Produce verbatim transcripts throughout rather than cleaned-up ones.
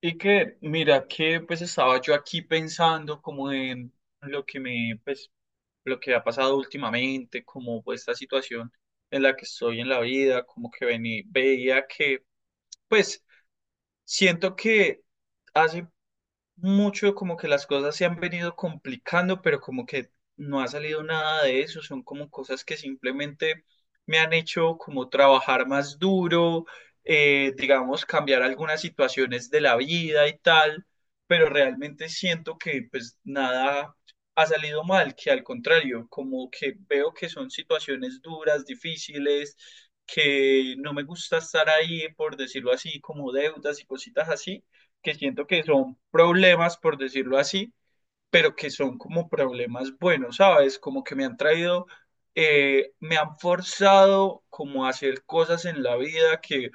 Y que, mira, que pues estaba yo aquí pensando como en lo que me, pues, lo que ha pasado últimamente, como pues, esta situación en la que estoy en la vida, como que vení- veía que, pues, siento que hace mucho como que las cosas se han venido complicando, pero como que no ha salido nada de eso, son como cosas que simplemente me han hecho como trabajar más duro, eh, digamos, cambiar algunas situaciones de la vida y tal, pero realmente siento que pues nada ha salido mal, que al contrario, como que veo que son situaciones duras, difíciles, que no me gusta estar ahí, por decirlo así, como deudas y cositas así que siento que son problemas, por decirlo así, pero que son como problemas buenos, ¿sabes? Como que me han traído, eh, me han forzado como a hacer cosas en la vida que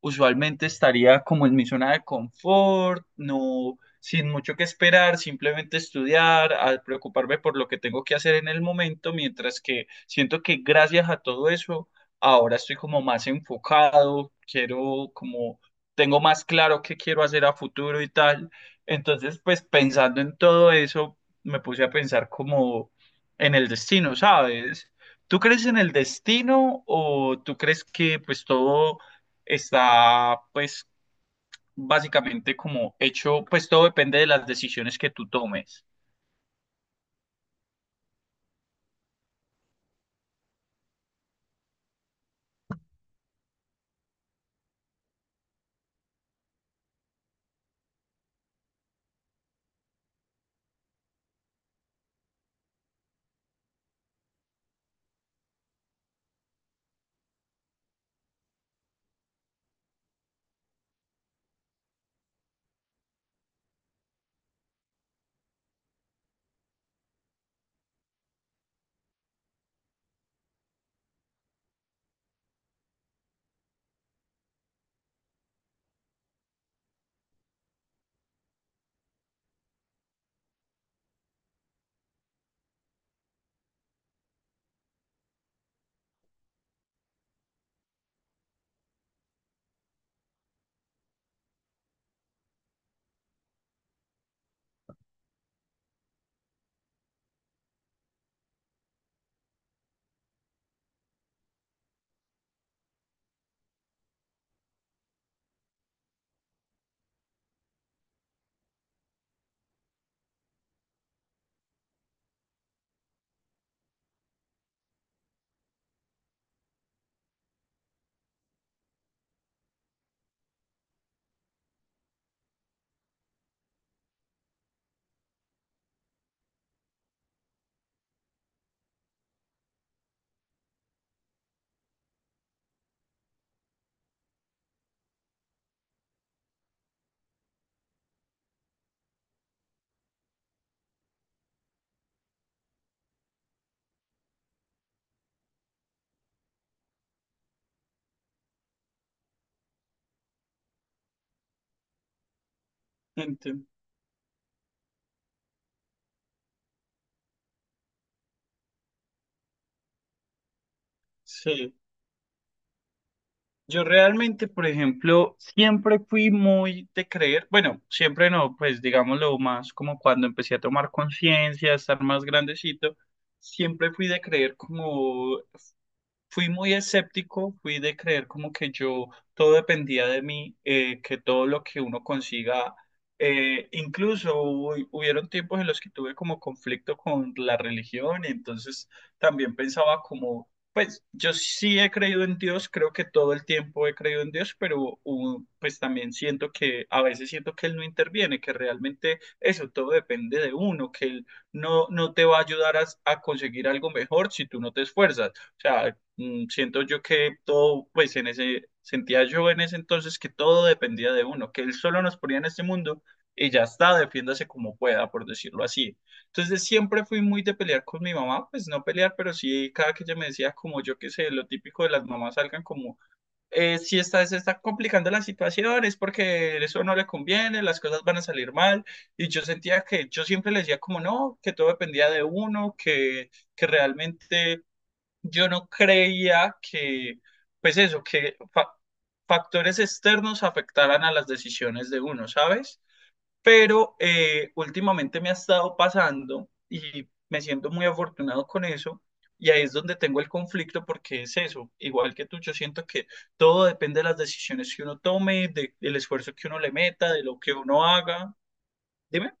usualmente estaría como en mi zona de confort, no, sin mucho que esperar, simplemente estudiar, a preocuparme por lo que tengo que hacer en el momento, mientras que siento que gracias a todo eso, ahora estoy como más enfocado, quiero como, tengo más claro qué quiero hacer a futuro y tal. Entonces, pues pensando en todo eso, me puse a pensar como en el destino, ¿sabes? ¿Tú crees en el destino o tú crees que pues todo está pues básicamente como hecho, pues todo depende de las decisiones que tú tomes. Ente- Sí. Yo realmente, por ejemplo, siempre fui muy de creer, bueno, siempre no, pues digámoslo más como cuando empecé a tomar conciencia, a estar más grandecito, siempre fui de creer como Fui muy escéptico, fui de creer como que yo todo dependía de mí, eh, que todo lo que uno consiga, eh, incluso hubo- hubieron tiempos en los que tuve como conflicto con la religión y entonces también pensaba como, pues yo sí he creído en Dios, creo que todo el tiempo he creído en Dios, pero uh, pues también siento que a veces siento que Él no interviene, que realmente eso todo depende de uno, que Él no, no te va a ayudar a a conseguir algo mejor si tú no te esfuerzas. O sea, mm, siento yo que todo, pues en ese, sentía yo en ese entonces que todo dependía de uno, que él solo nos ponía en este mundo y ya está, defiéndase como pueda, por decirlo así. Entonces siempre fui muy de pelear con mi mamá, pues no pelear, pero sí cada que ella me decía como yo qué sé, lo típico de las mamás salgan como, eh, si está, se está complicando la situación, es porque eso no le conviene, las cosas van a salir mal, y yo sentía que yo siempre le decía como no, que todo dependía de uno, que que realmente yo no creía que, pues eso, que fa- factores externos afectaran a las decisiones de uno, ¿sabes? Pero eh, últimamente me ha estado pasando y me siento muy afortunado con eso. Y ahí es donde tengo el conflicto porque es eso, igual que tú, yo siento que todo depende de las decisiones que uno tome, de- del esfuerzo que uno le meta, de lo que uno haga. Dime.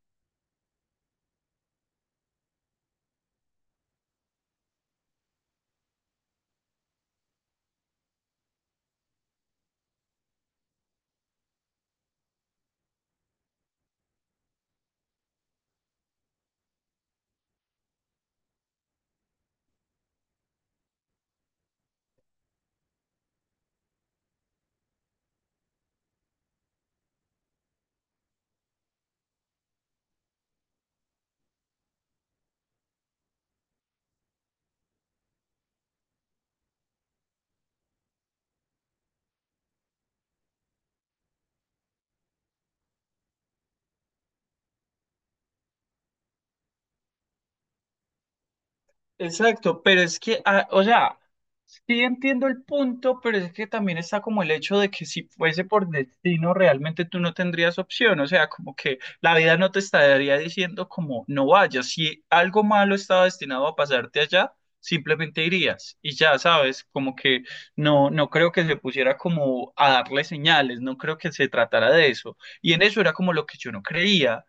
Exacto, pero es que, ah, o sea, sí entiendo el punto, pero es que también está como el hecho de que si fuese por destino, realmente tú no tendrías opción, o sea, como que la vida no te estaría diciendo como no vayas, si algo malo estaba destinado a pasarte allá, simplemente irías y ya sabes, como que no, no creo que se pusiera como a darle señales, no creo que se tratara de eso, y en eso era como lo que yo no creía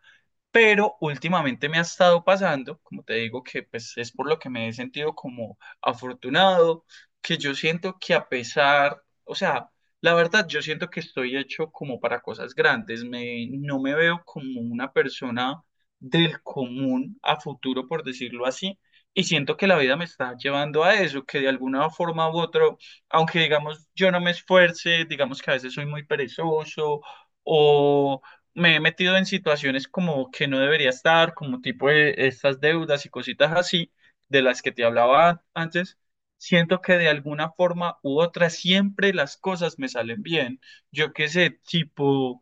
pero últimamente me ha estado pasando, como te digo, que pues es por lo que me he sentido como afortunado, que yo siento que a pesar, o sea, la verdad, yo siento que estoy hecho como para cosas grandes, me, no me veo como una persona del común a futuro, por decirlo así, y siento que la vida me está llevando a eso, que de alguna forma u otra, aunque digamos yo no me esfuerce, digamos que a veces soy muy perezoso o me he metido en situaciones como que no debería estar, como tipo eh, estas deudas y cositas así de las que te hablaba antes, siento que de alguna forma u otra siempre las cosas me salen bien. Yo qué sé, tipo,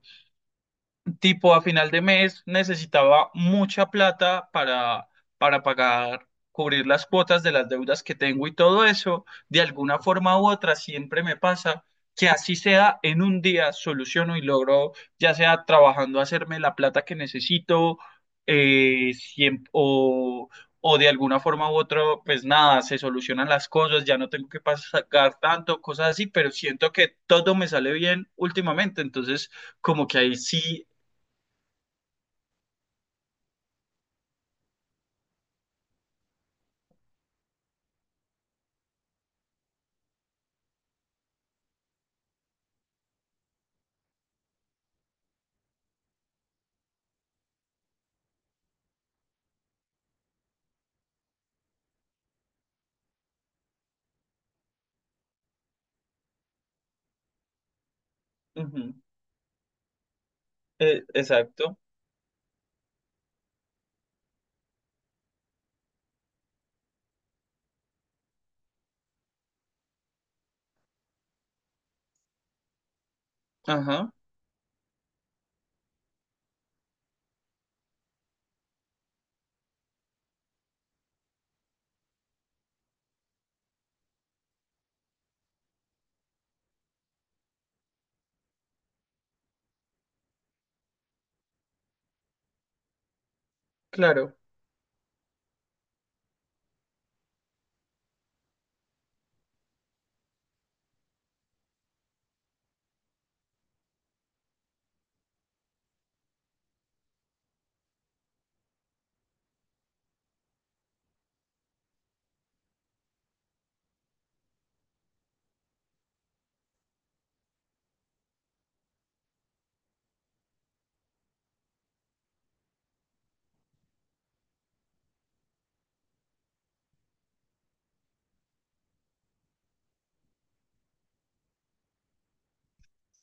tipo a final de mes necesitaba mucha plata para, para pagar, cubrir las cuotas de las deudas que tengo y todo eso, de alguna forma u otra siempre me pasa que así sea en un día soluciono y logro, ya sea trabajando, hacerme la plata que necesito, eh, siem- o, o de alguna forma u otra, pues nada, se solucionan las cosas, ya no tengo que pagar tanto, cosas así, pero siento que todo me sale bien últimamente, entonces como que ahí sí ujú, eh, exacto. Ajá, claro.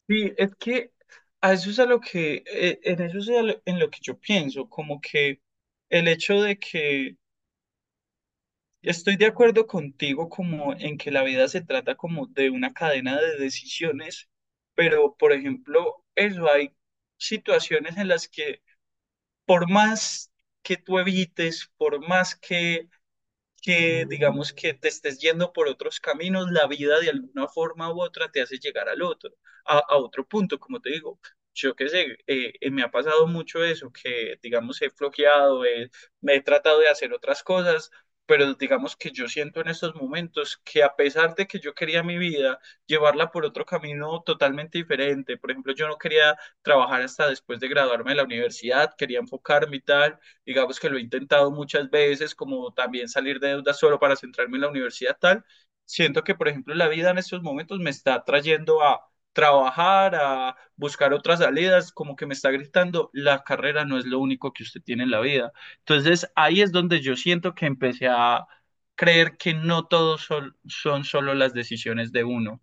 Sí, es que a eso es a lo que, eh, en eso es a lo- en lo que yo pienso, como que el hecho de que estoy de acuerdo contigo como en que la vida se trata como de una cadena de decisiones, pero por ejemplo, eso hay situaciones en las que por más que tú evites, por más que que digamos que te estés yendo por otros caminos, la vida de alguna forma u otra te hace llegar al otro, a, a otro punto, como te digo. Yo qué sé, eh, eh, me ha pasado mucho eso, que digamos he flojeado, eh, me he tratado de hacer otras cosas, pero digamos que yo siento en estos momentos que a pesar de que yo quería mi vida, llevarla por otro camino totalmente diferente. Por ejemplo, yo no quería trabajar hasta después de graduarme de la universidad, quería enfocarme y tal, digamos que lo he intentado muchas veces, como también salir de deudas solo para centrarme en la universidad tal, siento que, por ejemplo, la vida en estos momentos me está trayendo a trabajar, a buscar otras salidas, como que me está gritando, la carrera no es lo único que usted tiene en la vida. Entonces ahí es donde yo siento que empecé a creer que no todos son, son solo las decisiones de uno